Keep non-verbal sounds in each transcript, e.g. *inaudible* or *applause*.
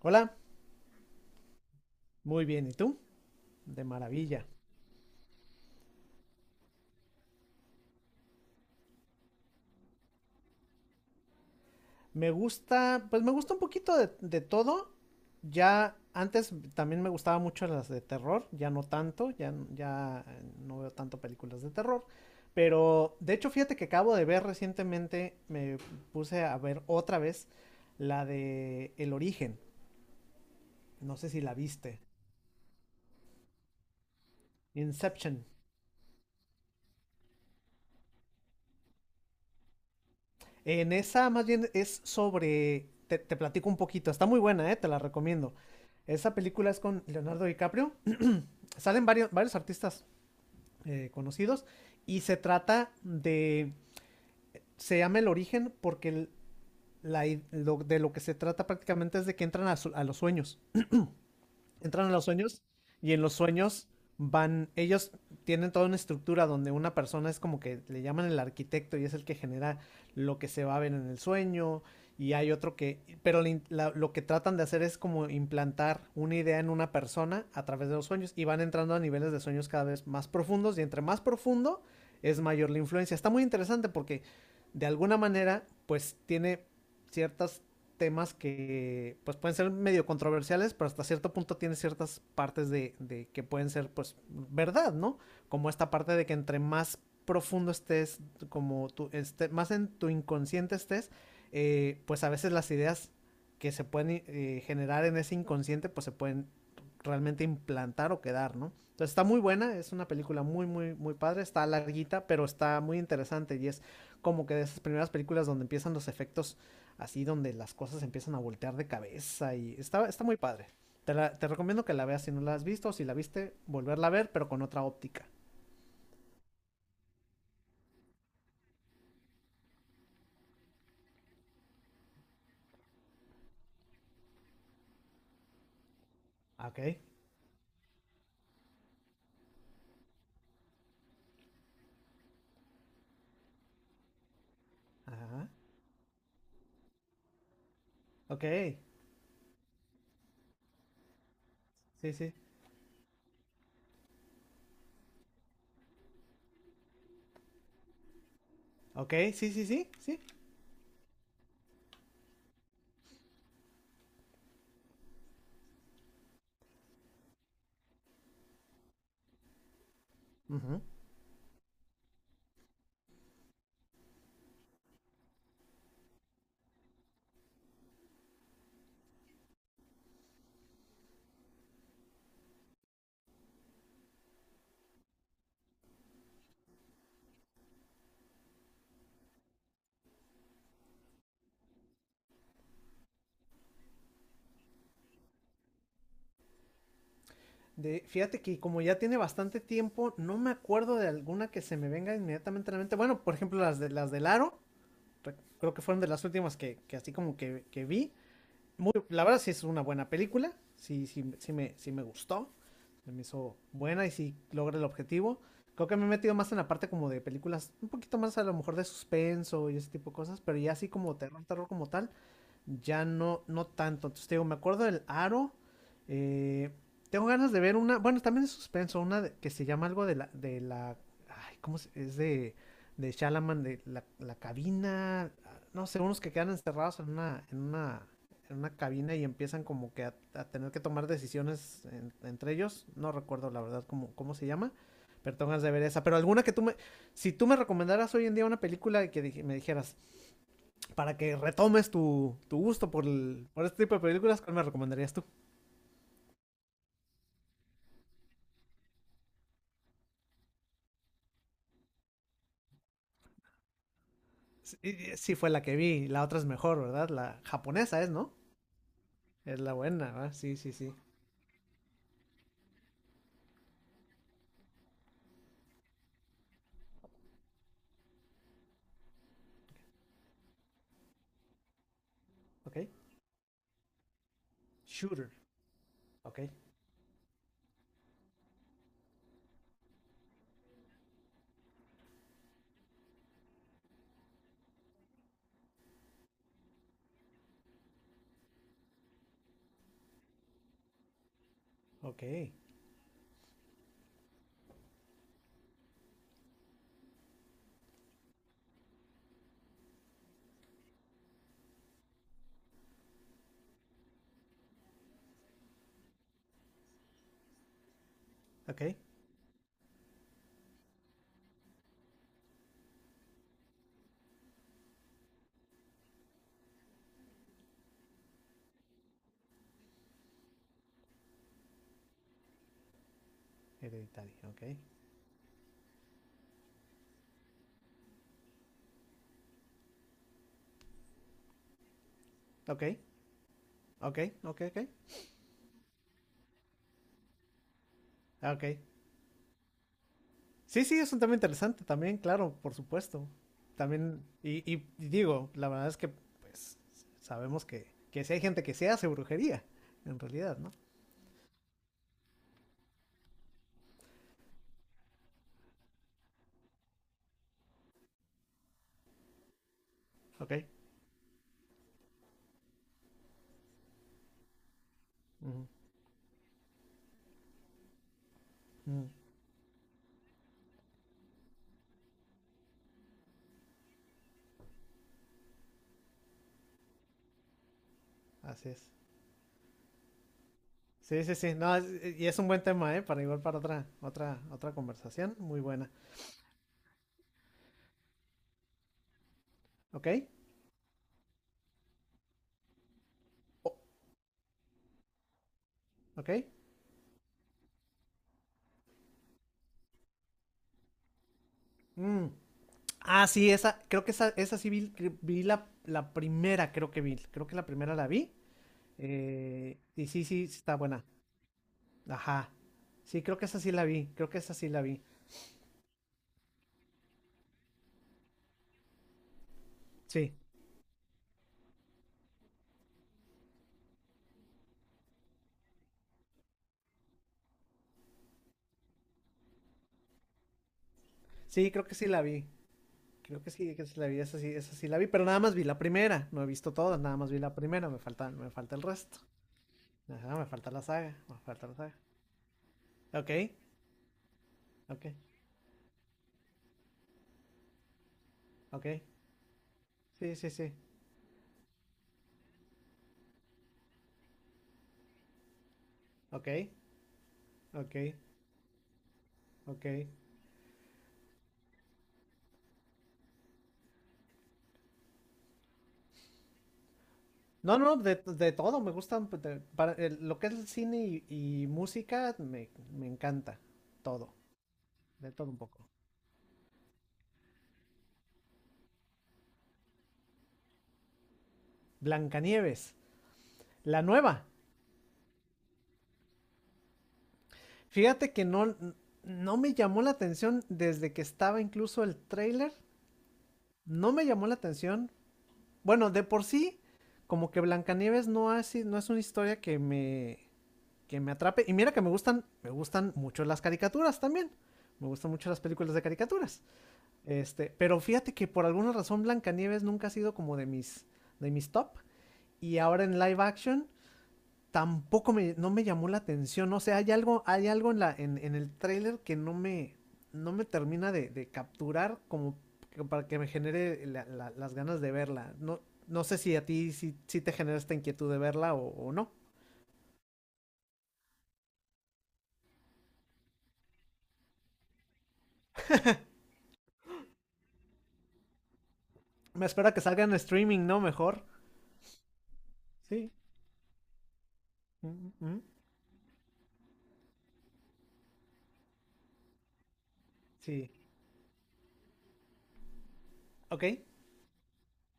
Hola, muy bien, ¿y tú? De maravilla. Me gusta, pues me gusta un poquito de todo. Ya antes también me gustaba mucho las de terror, ya no tanto, ya, no veo tanto películas de terror. Pero de hecho, fíjate que acabo de ver recientemente, me puse a ver otra vez la de El Origen. No sé si la viste. Inception. En esa más bien es sobre, te platico un poquito, está muy buena, ¿eh? Te la recomiendo. Esa película es con Leonardo DiCaprio, salen varios, varios artistas conocidos y se llama El Origen porque de lo que se trata prácticamente es de que entran a los sueños. Entran a los sueños y en los sueños van, ellos tienen toda una estructura donde una persona es como que le llaman el arquitecto y es el que genera lo que se va a ver en el sueño y hay otro que, pero lo que tratan de hacer es como implantar una idea en una persona a través de los sueños y van entrando a niveles de sueños cada vez más profundos y entre más profundo es mayor la influencia. Está muy interesante porque de alguna manera pues tiene ciertas temas que pues pueden ser medio controversiales, pero hasta cierto punto tiene ciertas partes de, que pueden ser pues verdad, ¿no? Como esta parte de que entre más profundo estés, como tú, más en tu inconsciente estés, pues a veces las ideas que se pueden generar en ese inconsciente pues se pueden realmente implantar o quedar, ¿no? Entonces está muy buena, es una película muy, muy, muy padre, está larguita, pero está muy interesante y es como que de esas primeras películas donde empiezan los efectos así donde las cosas empiezan a voltear de cabeza y está muy padre. Te recomiendo que la veas si no la has visto, o si la viste, volverla a ver, pero con otra óptica. Ah, Ok. Ajá. Ok. Sí, sí. Ok, sí, sí, sí, sí. Ujú. Fíjate que como ya tiene bastante tiempo, no me acuerdo de alguna que se me venga inmediatamente a la mente. Bueno, por ejemplo, las de las del Aro, creo que fueron de las últimas que así como que vi. La verdad sí es una buena película, sí, sí, sí, sí me gustó, me hizo buena y sí logra el objetivo. Creo que me he metido más en la parte como de películas, un poquito más a lo mejor de suspenso y ese tipo de cosas, pero ya así como terror, terror como tal, ya no, no tanto. Entonces, te digo, me acuerdo del Aro. eh, tengo ganas de ver una, bueno, también es suspenso, que se llama algo de la, ay, es de Shalaman, de la cabina, ah, no sé, unos que quedan encerrados en una, en una cabina y empiezan como que a tener que tomar decisiones entre ellos. No recuerdo la verdad cómo se llama, pero tengo ganas de ver esa. Pero alguna, si tú me recomendaras hoy en día una película que me dijeras, para que retomes tu gusto por este tipo de películas, ¿cuál me recomendarías tú? Sí, sí fue la que vi, la otra es mejor, ¿verdad? La japonesa es, ¿no? Es la buena, ¿verdad? Sí, sí, sí. Ok. Shooter. Ok. Ok. Ok. Hereditario. Ok. Ok. Ok. Ok. Ok. Ok. Sí, sí, es un tema interesante también, claro, por supuesto. También, y digo, la verdad es que, pues, sabemos que sí hay gente que se hace brujería, en realidad, ¿no? Ok. Ujú. Mm. Así es. Sí, sí, sí. No, y es un buen tema, ¿eh? Para igual para otra conversación. Muy buena. ¿Ok? O- ¿Ok? Mm. Ah, sí, esa, creo que esa sí vi, vi la primera, creo que vi. Creo que la primera la vi. Y sí, sí, sí está buena. Ajá. Sí, creo que esa sí la vi. Creo que esa sí la vi. Sí, sí, creo que sí la vi. Creo que sí la vi. Esa sí la vi. Pero nada más vi la primera. No he visto todas, nada más vi la primera. Me falta el resto. Ajá, me falta la saga. Me falta la saga. Ok, ok, ok. Sí, sí, sí. Ok, ok, ok. No, no, de todo, me gustan. Pues, lo que es el cine y música, me encanta. Todo, de todo un poco. Blancanieves, la nueva. Fíjate que no, no me llamó la atención desde que estaba incluso el tráiler. No me llamó la atención. Bueno, de por sí, como que Blancanieves no, no es una historia que me atrape. Y mira que me gustan mucho las caricaturas también. Me gustan mucho las películas de caricaturas. Pero fíjate que por alguna razón Blancanieves nunca ha sido como de mis, top. Y ahora en live action tampoco no me llamó la atención. O sea, hay algo en el tráiler que no me, no me termina de capturar como para que me genere las ganas de verla. No, no sé si a ti si, si te genera esta inquietud de verla o no. Me espera que salga en streaming, ¿no? Mejor. Sí. Mm, mm, mm. Sí, ok,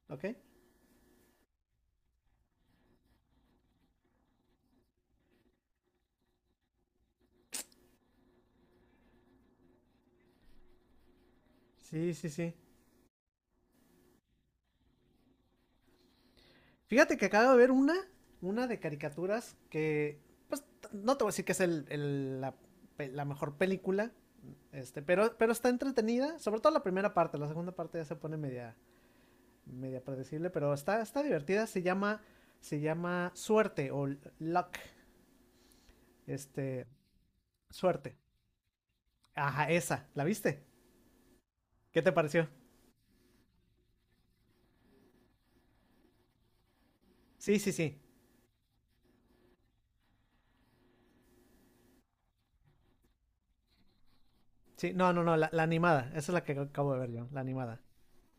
ok. Sí, sí, sí. Fíjate que acabo de ver una de caricaturas que, pues, no te voy a decir que es la mejor película, pero está entretenida, sobre todo la primera parte, la segunda parte ya se pone media predecible, pero está divertida, se llama Suerte o Luck, este, Suerte. Ajá, esa, ¿la viste? ¿Qué te pareció? Sí, sí, sí. Sí, no, no, no, la animada, esa es la que acabo de ver yo, la animada.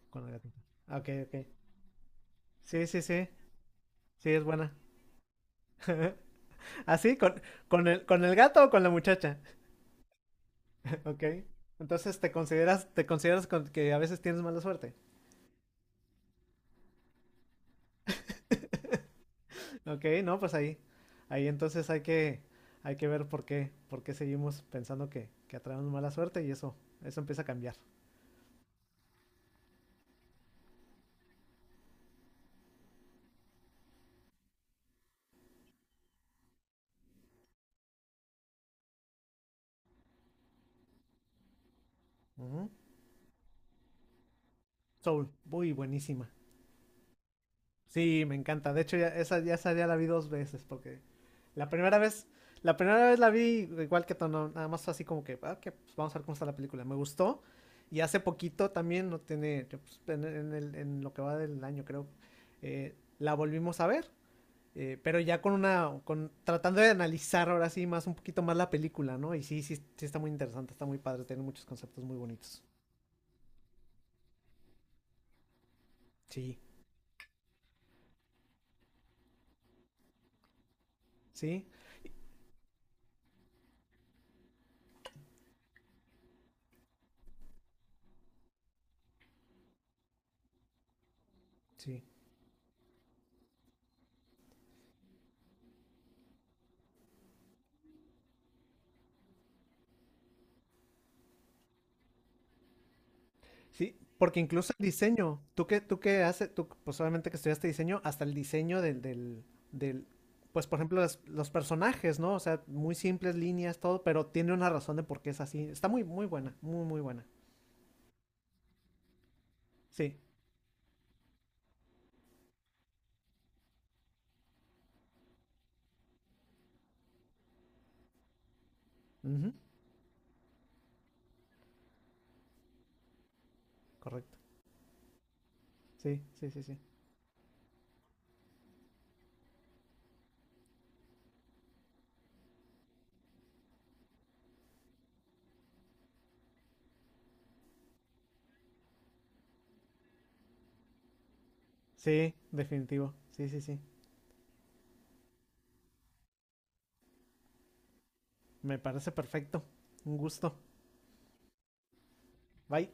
Con la gatita. Ah, Ok, ok. Sí, sí, sí. Sí, es buena. *laughs* ¿Así? ¿Con el gato o con la muchacha? *laughs* ok. Entonces te consideras que a veces tienes mala suerte. Ok, no, pues ahí. Ahí entonces hay que, ver por qué seguimos pensando que atraemos mala suerte y eso empieza a cambiar. Ujú. Soul, muy buenísima. Sí, me encanta. De hecho, esa ya la vi dos veces porque la primera vez, la primera vez la vi igual que Tono, nada más así como que, ah, que pues, vamos a ver cómo está la película. Me gustó. Y hace poquito también, no tiene, que, pues, en lo que va del año creo, la volvimos a ver. Pero ya tratando de analizar ahora sí más, un poquito más la película, ¿no? Y sí, sí, sí está muy interesante, está muy padre, tiene muchos conceptos muy bonitos. Sí, sí, sí. Sí, porque incluso el diseño, tú que haces, tú pues obviamente que estudiaste diseño, hasta el diseño del pues por ejemplo los personajes, ¿no? O sea, muy simples líneas, todo, pero tiene una razón de por qué es así. Está muy, muy buena, muy, muy buena. Sí, ujú, correcto. Sí, sí, sí, sí. Sí, definitivo. Sí, sí, sí. Me parece perfecto. Un gusto. Bye.